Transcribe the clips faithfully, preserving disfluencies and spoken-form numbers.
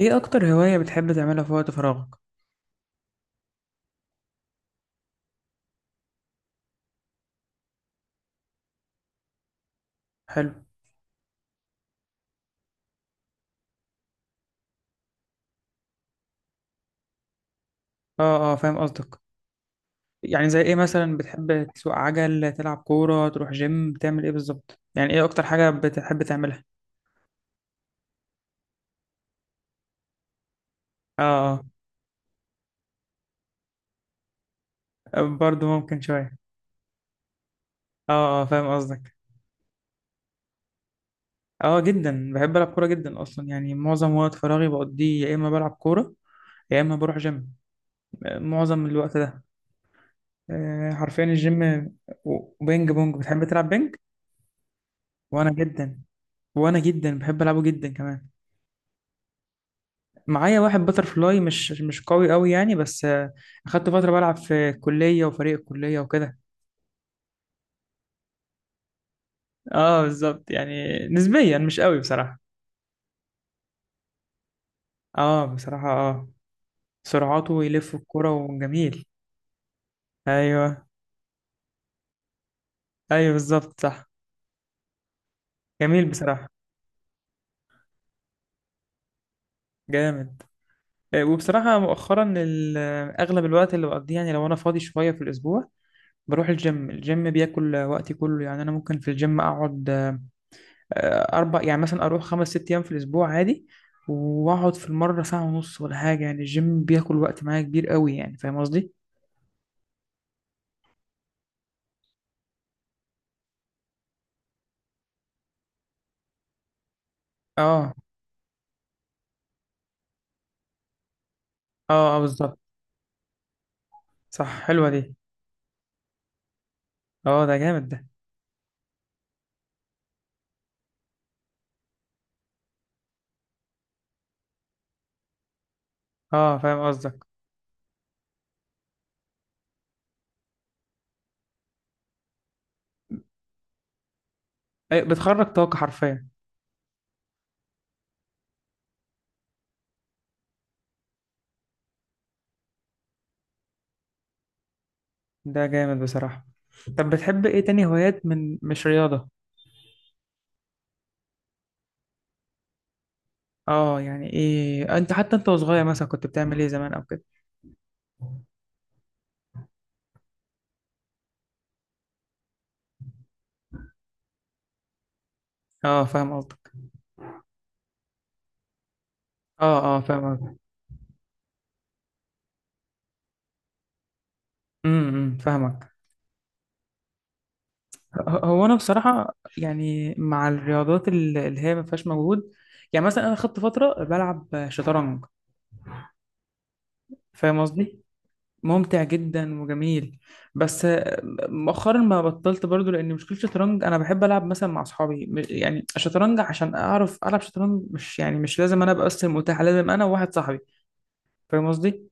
ايه اكتر هواية بتحب تعملها في وقت فراغك؟ حلو. اه اه، فاهم قصدك. يعني زي ايه مثلا؟ بتحب تسوق عجل، تلعب كورة، تروح جيم، تعمل ايه بالظبط؟ يعني ايه اكتر حاجة بتحب تعملها؟ اه اه، برضه ممكن شوية. اه اه، فاهم قصدك. اه، جدا بحب العب كورة جدا اصلا. يعني معظم وقت فراغي بقضيه يا اما بلعب كورة يا اما بروح جيم. آه، معظم الوقت ده. آه، حرفيا الجيم. و- وبينج بونج، بتحب تلعب بينج؟ وانا جدا وانا جدا بحب العبه جدا كمان. معايا واحد باترفلاي، مش مش قوي قوي يعني، بس آه، اخدت فترة بلعب في الكلية وفريق الكلية وكده. اه، بالظبط. يعني نسبيا مش قوي بصراحة. اه، بصراحة اه. سرعته يلف الكرة وجميل. ايوه. ايوه، بالظبط صح. جميل بصراحة. جامد. آه، وبصراحة مؤخرا ال- آه، اغلب الوقت اللي بقضيه، يعني لو انا فاضي شوية في الاسبوع بروح الجيم. الجيم بياكل آه، وقتي كله. يعني انا ممكن في الجيم اقعد آه، اربع، يعني مثلا اروح خمس ست ايام في الاسبوع عادي، واقعد في المره ساعه ونص ولا حاجه. يعني الجيم بياكل وقت معايا كبير قوي يعني، فاهم قصدي؟ اه. اه اه، بالظبط. صح، حلوه دي. اه، ده جامد ده. اه، فاهم قصدك. أي، بتخرج طاقه حرفيا. ده جامد بصراحه. طب بتحب ايه تاني هوايات من مش رياضه؟ اه، يعني ايه؟ انت حتى انت وصغير مثلا كنت بتعمل ايه زمان او كده؟ اه، فاهم قصدك. اه اه، فاهم قصدك. امم أمم، فاهمك. هو انا بصراحه، يعني مع الرياضات ال- اللي هي ما فيهاش مجهود، يعني مثلا انا خدت فتره بلعب شطرنج. فاهم قصدي؟ ممتع جدا وجميل. بس مؤخرا ما بطلت برضو، لان مشكله الشطرنج انا بحب العب مثلا مع اصحابي، م- يعني الشطرنج عشان اعرف العب شطرنج مش، يعني مش لازم انا ابقى بس المتاح، لازم انا وواحد صاحبي. فاهم قصدي؟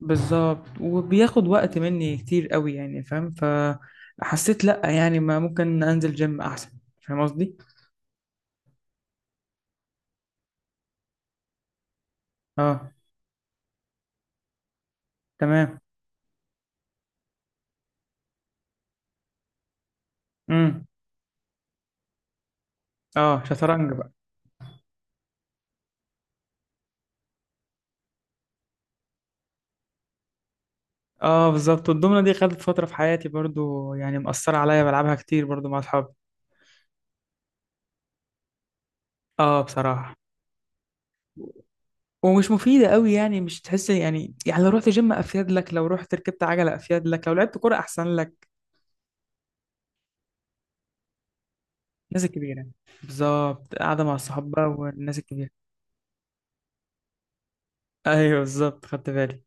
بالظبط، وبياخد وقت مني كتير قوي يعني. فاهم؟ فحسيت لا، يعني ما ممكن انزل جيم احسن. فاهم قصدي؟ اه. تمام. امم. اه، شطرنج بقى. اه بالظبط، والدومنة دي خدت فترة في حياتي برضو. يعني مأثرة عليا بلعبها كتير برضو مع أصحابي. اه بصراحة. ومش مفيدة قوي يعني. مش تحس يعني، يعني لو رحت جيم أفيد لك، لو رحت ركبت عجلة أفيد لك، لو لعبت كورة أحسن لك. الناس الكبيرة. بالظبط، قاعدة مع الصحاب بقى والناس الكبيرة. أيوه، بالظبط، خدت بالي.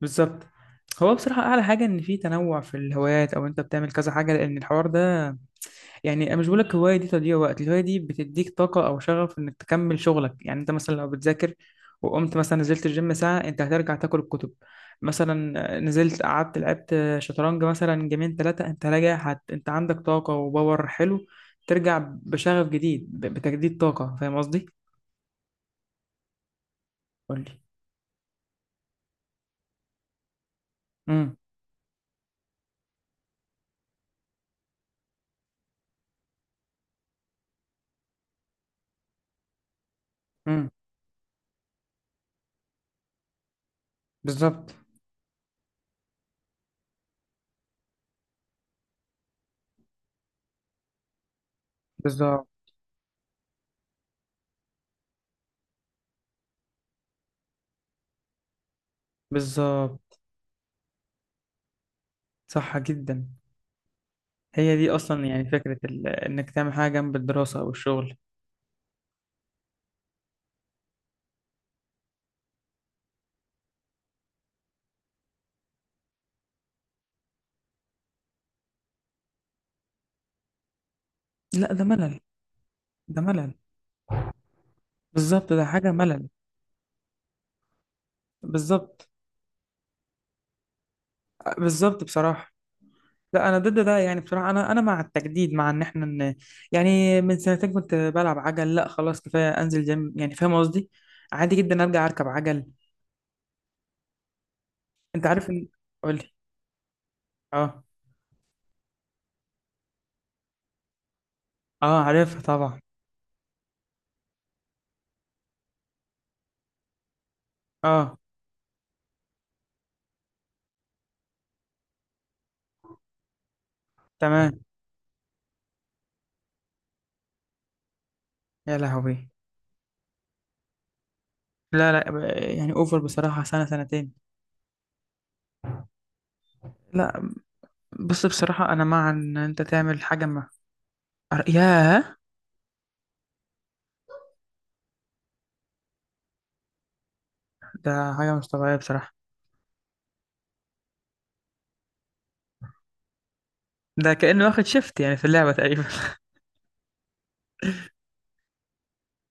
بالظبط. هو بصراحة أعلى حاجة إن في تنوع في الهوايات، أو أنت بتعمل كذا حاجة، لأن الحوار ده يعني، انا مش بقول لك الهوايه دي تضييع وقت، الهوايه دي بتديك طاقه او شغف انك تكمل شغلك. يعني انت مثلا لو بتذاكر وقمت مثلا نزلت الجيم ساعه، انت هترجع تاكل الكتب. مثلا نزلت قعدت لعبت شطرنج مثلا جيمين ثلاثه، انت راجع هت... انت عندك طاقه وباور حلو. ترجع بشغف جديد ب... بتجديد طاقه. فاهم قصدي؟ قول لي. امم. امم. بالظبط. بالظبط. بالظبط. صح جدا. هي دي اصلا يعني فكره ال... انك تعمل حاجه جنب الدراسه او الشغل. لا ده ملل. ده ملل. بالظبط، ده حاجة ملل. بالظبط. بالظبط بصراحة. لا، أنا ضد ده يعني بصراحة. أنا أنا مع التجديد، مع إن إحنا ن... يعني من سنتين كنت بلعب عجل، لا خلاص كفاية أنزل جيم. يعني فاهم قصدي؟ عادي جدا أرجع أركب عجل. أنت عارف إن. قولي. أه. أه، عارفها طبعا. أه. تمام. يا لهوي. لا لا، ب- يعني أوفر بصراحة سنة سنتين. لا. بص بصراحة، أنا مع إن أنت تعمل حاجة ما. ياه. ده حاجة مش طبيعية بصراحة. ده كأنه واخد شيفت يعني في اللعبة تقريبا.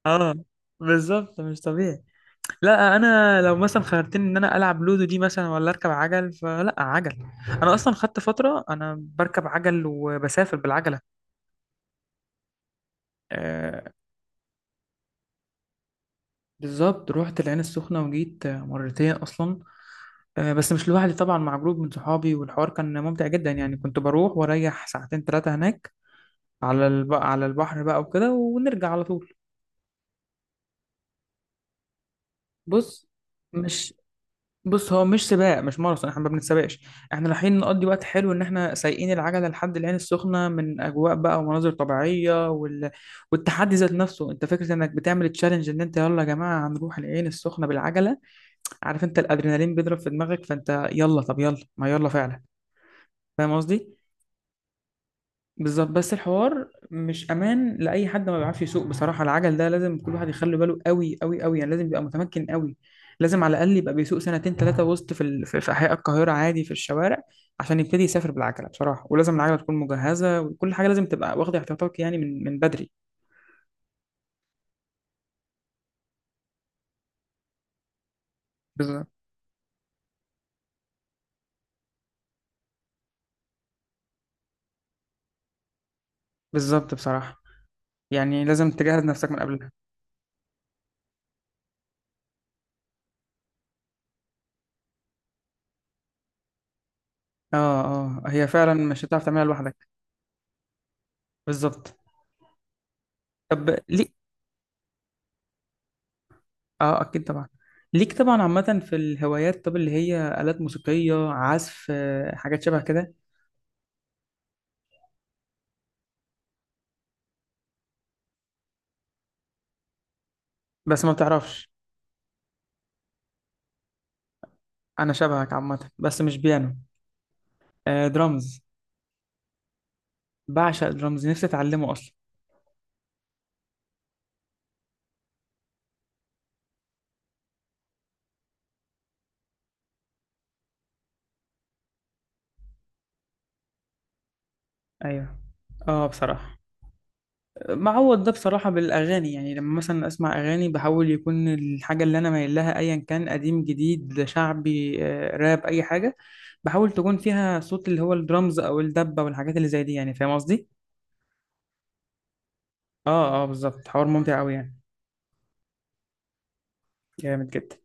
اه، بالظبط مش طبيعي. لا انا لو مثلا خيرتني ان انا العب لودو دي مثلا ولا اركب عجل، فلا عجل. انا اصلا خدت فتره انا بركب عجل وبسافر بالعجله. آه. بالظبط، رحت العين السخنه وجيت آه، مرتين اصلا. آه، بس مش لوحدي طبعا، مع جروب من صحابي والحوار كان ممتع جدا. يعني كنت بروح واريح ساعتين ثلاثه هناك على الب... على البحر بقى وكده ونرجع على طول. بص. مش. بص هو مش سباق، مش ماراثون، احنا ما بنتسابقش. احنا رايحين نقضي وقت حلو، ان احنا سايقين العجله لحد العين السخنه من اجواء بقى ومناظر طبيعيه وال... والتحدي ذات نفسه. انت فكره انك بتعمل تشالنج، ان انت يلا يا جماعه هنروح العين السخنه بالعجله. عارف انت الادرينالين بيضرب في دماغك فانت يلا، طب يلا ما يلا فعلا. فاهم قصدي؟ بالظبط. بس الحوار مش امان لاي حد ما بيعرفش يسوق بصراحه. العجل ده لازم كل واحد يخلي باله قوي قوي قوي يعني، لازم يبقى متمكن قوي. لازم على الاقل يبقى بيسوق سنتين ثلاثه وسط في ال... في في احياء القاهره عادي، في الشوارع، عشان يبتدي يسافر بالعجله بصراحه. ولازم العجله تكون مجهزه وكل حاجه، لازم تبقى واخد احتياطاتك يعني من من بدري. بالظبط. بالظبط بصراحه. يعني لازم تجهز نفسك من قبلها. اه. اه، هي فعلا مش هتعرف تعملها لوحدك. بالظبط. طب ليه؟ اه اكيد طبعا. ليك طبعا. عامة في الهوايات، طب اللي هي آلات موسيقية عزف آه، حاجات شبه كده؟ بس ما بتعرفش. انا شبهك عامة، بس مش بيانو. آه، درامز. بعشق درامز، نفسي اتعلمه اصلا. ايوه. اه بصراحة، معوض ده بصراحة بالأغاني. يعني لما مثلا أسمع أغاني، بحاول يكون الحاجة اللي أنا مايل لها، أيا كان قديم جديد شعبي آه، راب، أي حاجة، بحاول تكون فيها صوت اللي هو الدرامز أو الدبة والحاجات اللي زي دي. يعني فاهم قصدي؟ اه. اه، بالظبط. حوار ممتع أوي يعني. جامد جدا.